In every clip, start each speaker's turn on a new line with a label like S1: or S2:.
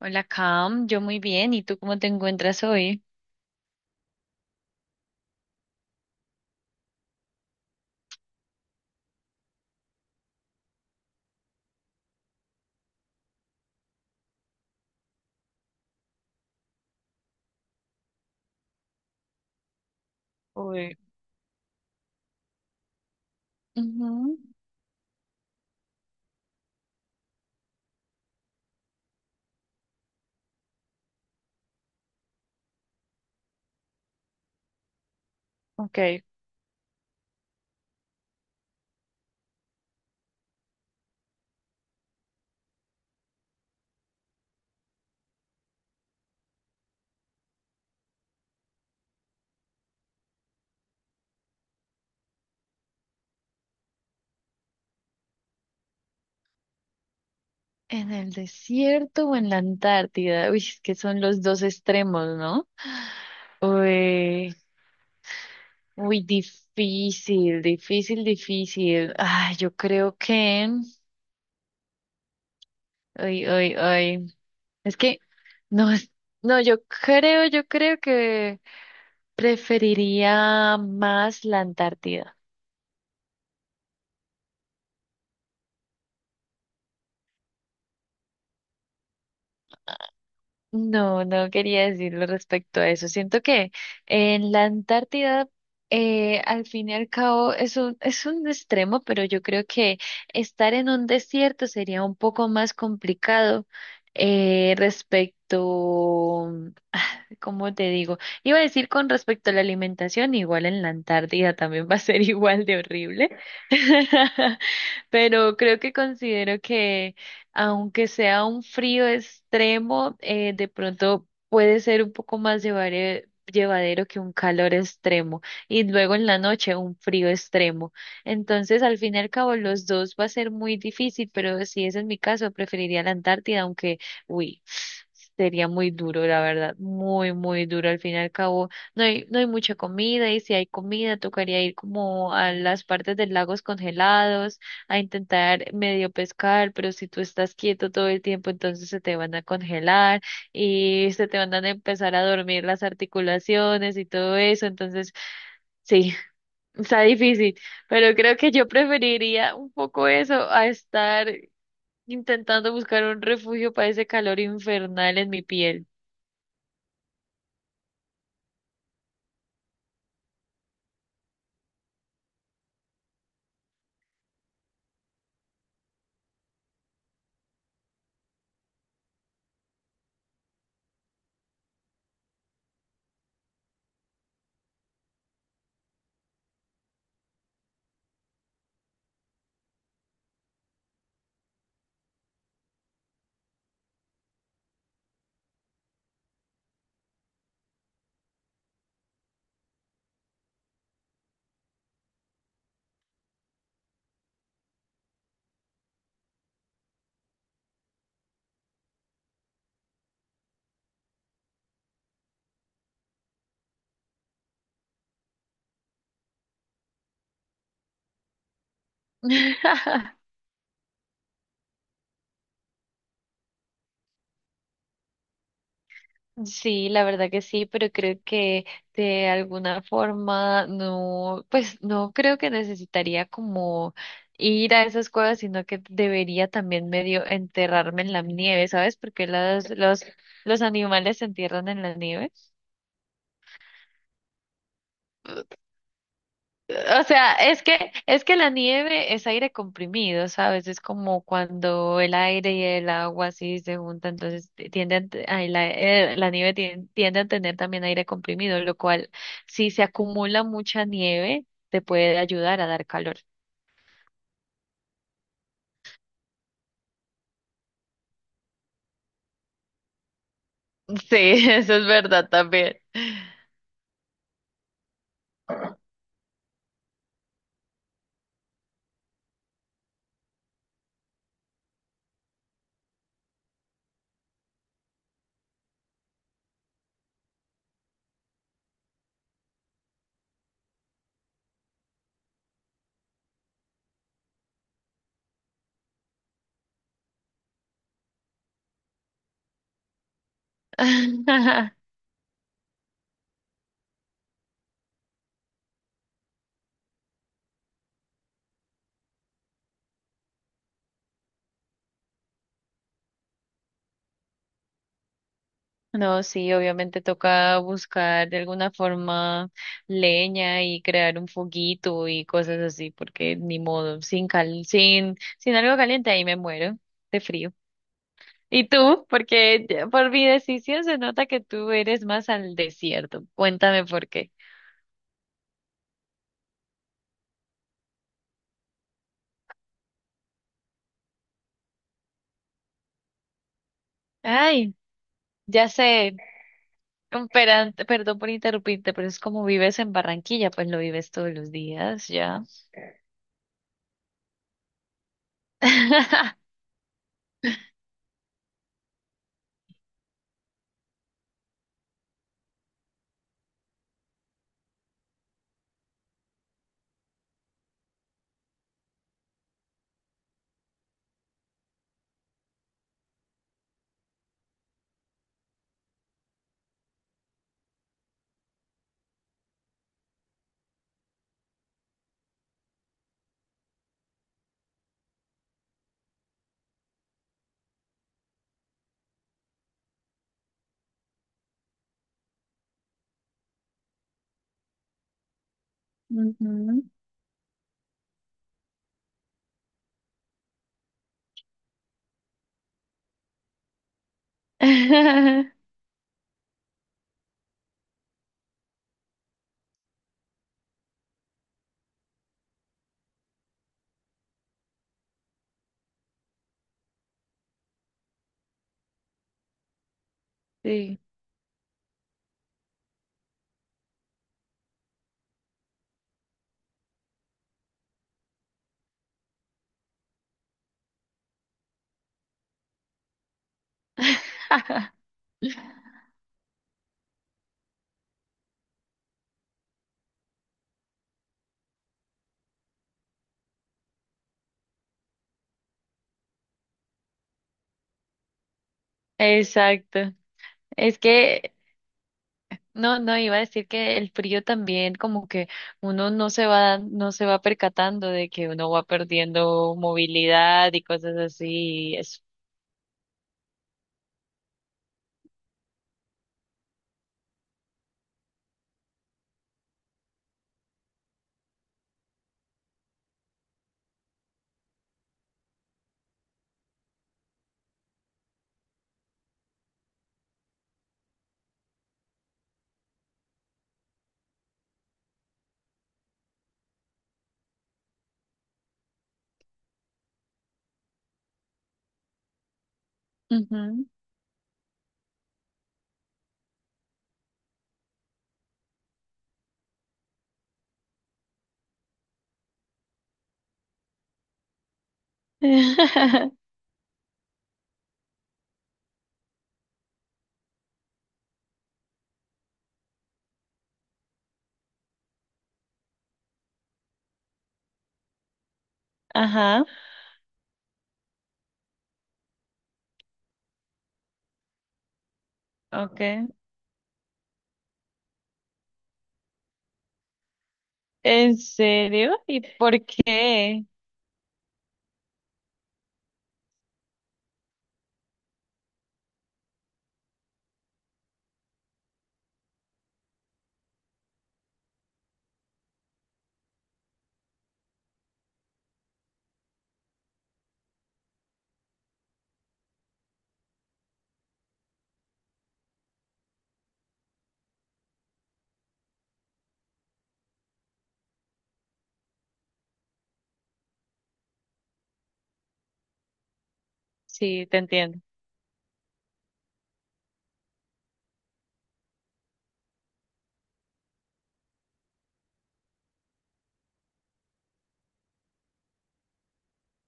S1: Hola, Cam. Yo muy bien. ¿Y tú cómo te encuentras hoy? Uy. Ujú. Ok. ¿En el desierto o en la Antártida? Uy, es que son los dos extremos, ¿no? Uy, uy, difícil, difícil, difícil. Ay, yo creo que. Uy, uy, uy. Es que. No, es- no, yo creo que preferiría más la Antártida. No, no quería decirlo respecto a eso. Siento que en la Antártida, al fin y al cabo, es un extremo, pero yo creo que estar en un desierto sería un poco más complicado, respecto. ¿Cómo te digo? Iba a decir con respecto a la alimentación, igual en la Antártida también va a ser igual de horrible, pero creo que considero que aunque sea un frío extremo, de pronto puede ser un poco más llevadero que un calor extremo y luego en la noche un frío extremo. Entonces, al fin y al cabo, los dos va a ser muy difícil, pero si es en mi caso, preferiría la Antártida, aunque. Uy, sería muy duro, la verdad, muy, muy duro. Al fin y al cabo, no hay mucha comida y si hay comida, tocaría ir como a las partes de lagos congelados a intentar medio pescar, pero si tú estás quieto todo el tiempo, entonces se te van a congelar y se te van a empezar a dormir las articulaciones y todo eso. Entonces, sí, está difícil, pero creo que yo preferiría un poco eso a estar intentando buscar un refugio para ese calor infernal en mi piel. Sí, la verdad que sí, pero creo que de alguna forma no, pues no creo que necesitaría como ir a esas cuevas, sino que debería también medio enterrarme en la nieve, ¿sabes? Porque los animales se entierran en la nieve. O sea, es que la nieve es aire comprimido, ¿sabes? Es como cuando el aire y el agua así se juntan, entonces tienden, ay, la nieve tiende a tener también aire comprimido, lo cual, si se acumula mucha nieve, te puede ayudar a dar calor. Sí, eso es verdad también. No, sí, obviamente toca buscar de alguna forma leña y crear un foguito y cosas así, porque ni modo, sin cal, sin algo caliente ahí me muero de frío. ¿Y tú? Porque ya por mi decisión se nota que tú eres más al desierto. Cuéntame por qué. Ay, ya sé, perdón por interrumpirte, pero es como vives en Barranquilla, pues lo vives todos los días, ya. Ujú. Sí, exacto. Es que no, no iba a decir que el frío también como que uno no se va percatando de que uno va perdiendo movilidad y cosas así y eso. Ujú. Ajá, okay. ¿En serio? ¿Y por qué? Sí, te entiendo.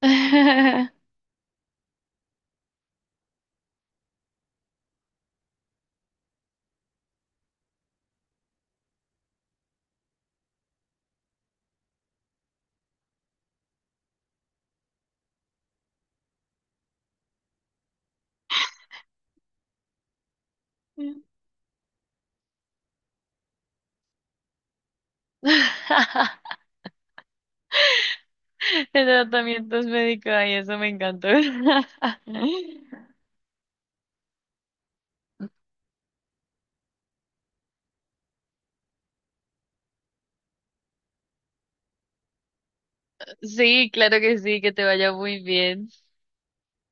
S1: De tratamientos médicos, ay, eso me encantó. Sí, claro que sí, que te vaya muy bien.